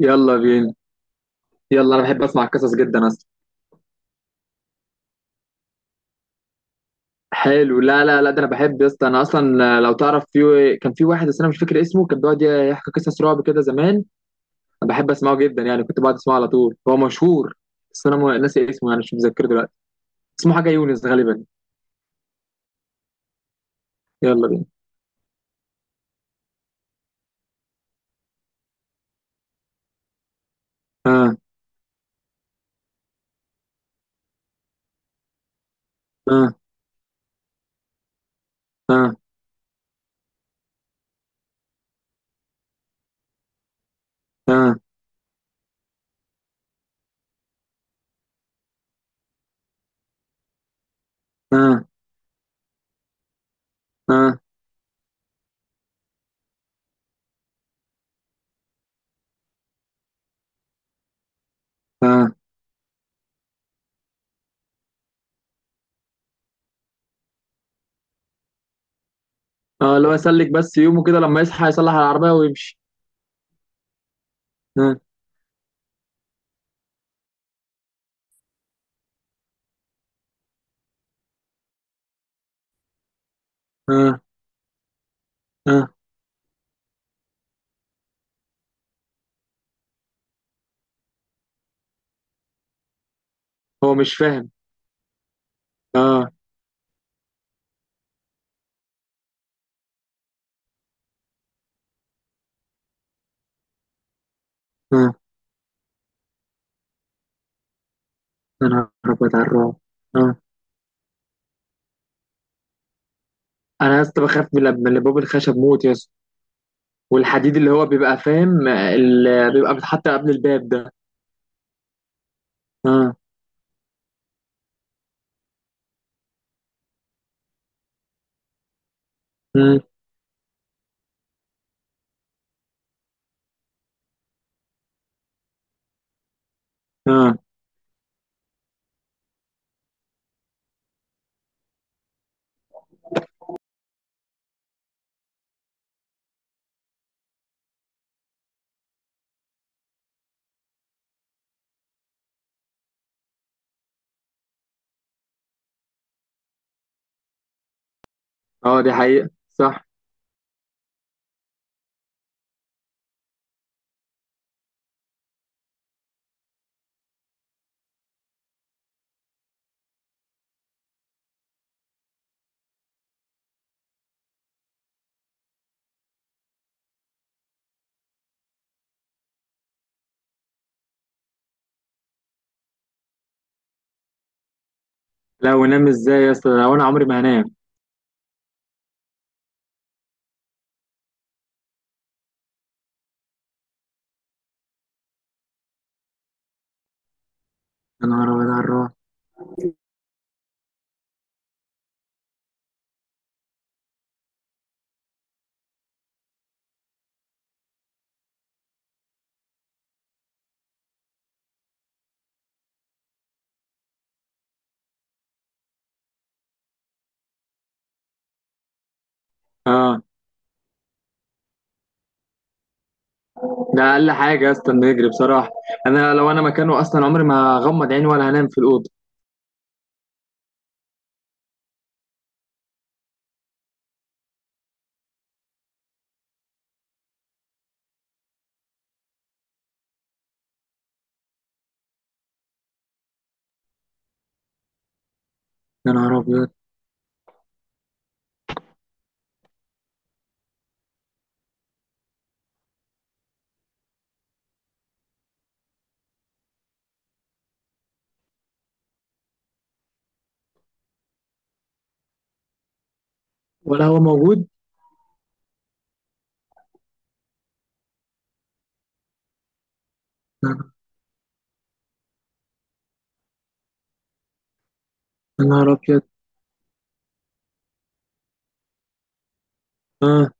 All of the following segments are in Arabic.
يلا بينا. يلا انا بحب اسمع القصص جدا اصلا. حلو. لا لا لا، ده انا بحب يا اسطى. انا اصلا لو تعرف، في كان في واحد بس انا مش فاكر اسمه، كان بيقعد يحكي قصص رعب كده زمان. انا بحب اسمعه جدا يعني، كنت بقعد اسمعه على طول. هو مشهور بس انا ناسي اسمه يعني، مش متذكره دلوقتي. اسمه حاجه يونس غالبا. يلا بينا. اه. اه. اه. اه. اه. اه. اه. اه. لو يسلك بس يومه كده، لما يصحى يصلح العربيه ويمشي. اه. اه. اه. هو مش فاهم. اه. اه. انا هربت على الرعب. آه. انا يا اسطى بخاف من لما اللي باب الخشب موت يا اسطى، والحديد اللي هو بيبقى فاهم، اللي بيبقى بيتحط قبل الباب ده. اه. امم. اه. اه، دي حقيقة صح. لا، ونام ازاي يا اسطى؟ لو انا عمري ما هنام. يا نهار ابيض على الرعب. اه. ده اقل حاجة يا اسطى انه يجري بصراحة. انا لو انا مكانه اصلا، عمري ما هغمض عيني ولا هنام في الأوضة. يا نهار ابيض. ولا هو موجود. يا نهار ابيض. اه.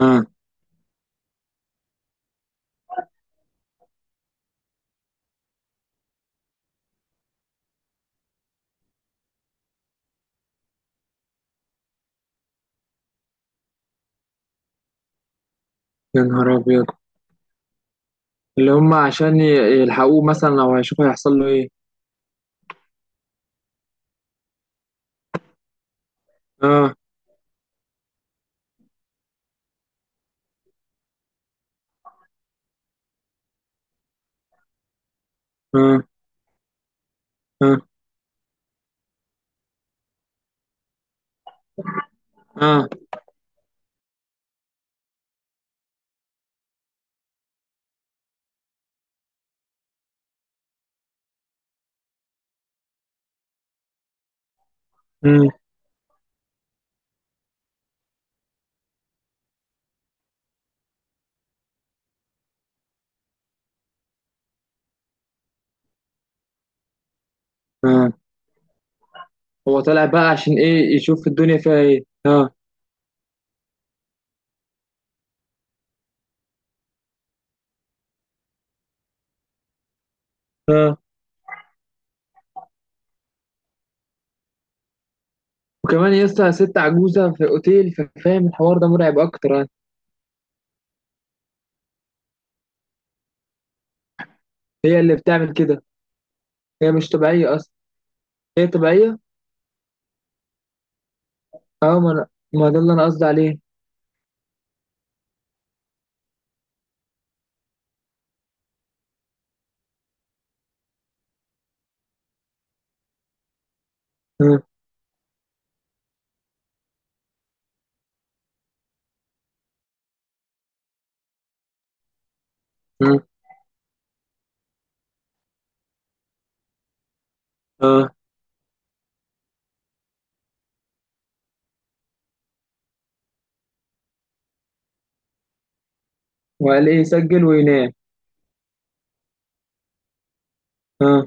اه. يا نهار ابيض. اللي هم عشان يلحقوه مثلا لو هيشوفوا هيحصل له ايه. اه. اه. اه. اه. امم. اه. هو طالع بقى عشان ايه؟ يشوف الدنيا فيها ايه. اه. اه. وكمان يا اسطى ست عجوزه في اوتيل، فاهم؟ الحوار ده مرعب اكتر يعني. هي اللي بتعمل كده. هي مش طبيعيه اصلا. هي طبيعيه. اه، ما انا، ما ده اللي انا قصدي عليه. اه. اه. اه. وقال ايه يسجل وينام. اه.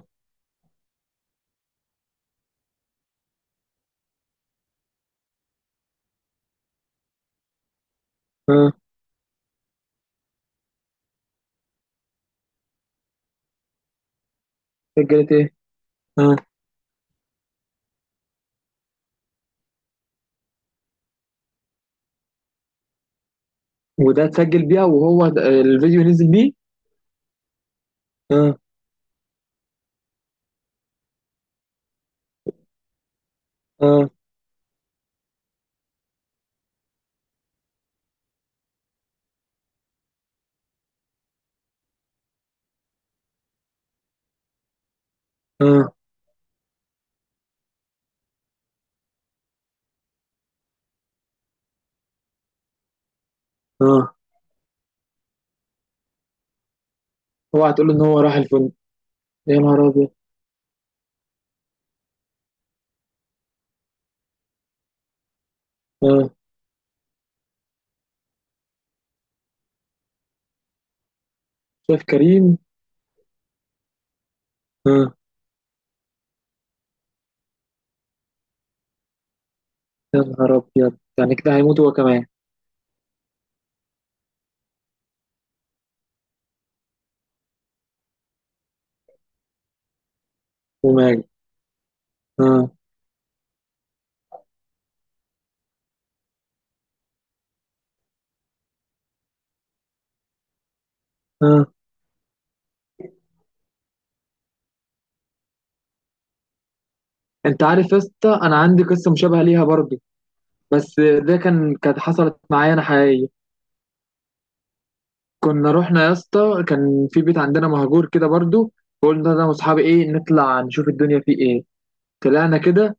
اه. سجلت ايه؟ اه. وده اتسجل بيها، وهو الفيديو نزل بيه. اه. اه. اه. اه. اوعى تقول ان هو راح الفندق. يا نهار ابيض. اه. شاف كريم. اه. يا نهار ابيض. يعني كده هيموت هو كمان؟ وماله؟ اه. اه. انت عارف يا اسطى انا عندي قصه مشابهه ليها برضه، بس ده كانت حصلت معايا انا حقيقيه. كنا رحنا يا اسطى، كان في بيت عندنا مهجور كده برضه، فقلنا انا واصحابي ايه، نطلع نشوف الدنيا فيه ايه. طلعنا كده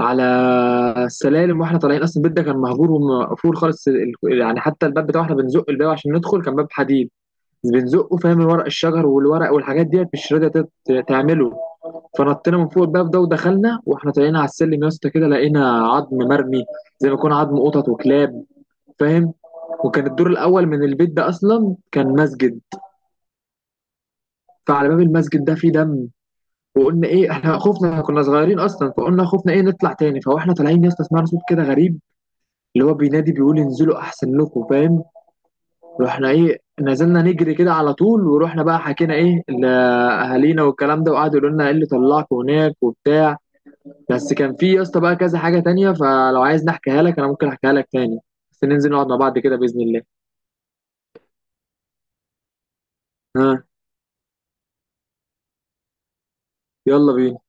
على السلالم، واحنا طالعين اصلا البيت ده كان مهجور ومقفول خالص. يعني حتى الباب بتاعه احنا بنزق الباب عشان ندخل، كان باب حديد. بنزقه فاهم، ورق الشجر والورق والحاجات ديت مش راضيه تعمله. فنطينا من فوق الباب ده ودخلنا، واحنا طالعين على السلم يا اسطى كده لقينا عظم مرمي، زي ما يكون عظم قطط وكلاب، فاهم؟ وكان الدور الاول من البيت ده اصلا كان مسجد. فعلى باب المسجد ده فيه دم. وقلنا ايه، احنا خفنا، احنا كنا صغيرين اصلا، فقلنا خفنا ايه نطلع تاني. فاحنا طالعين يا اسطى سمعنا صوت كده غريب، اللي هو بينادي بيقول انزلوا احسن لكم، فاهم؟ رحنا ايه، نزلنا نجري كده على طول، ورحنا بقى حكينا ايه لاهالينا والكلام ده، وقعدوا يقولوا لنا ايه اللي طلعكم هناك وبتاع. بس كان في يا اسطى بقى كذا حاجة تانية، فلو عايز نحكيها لك انا ممكن احكيها لك تاني، بس ننزل نقعد مع بعض كده بإذن الله. ها. يلا بينا.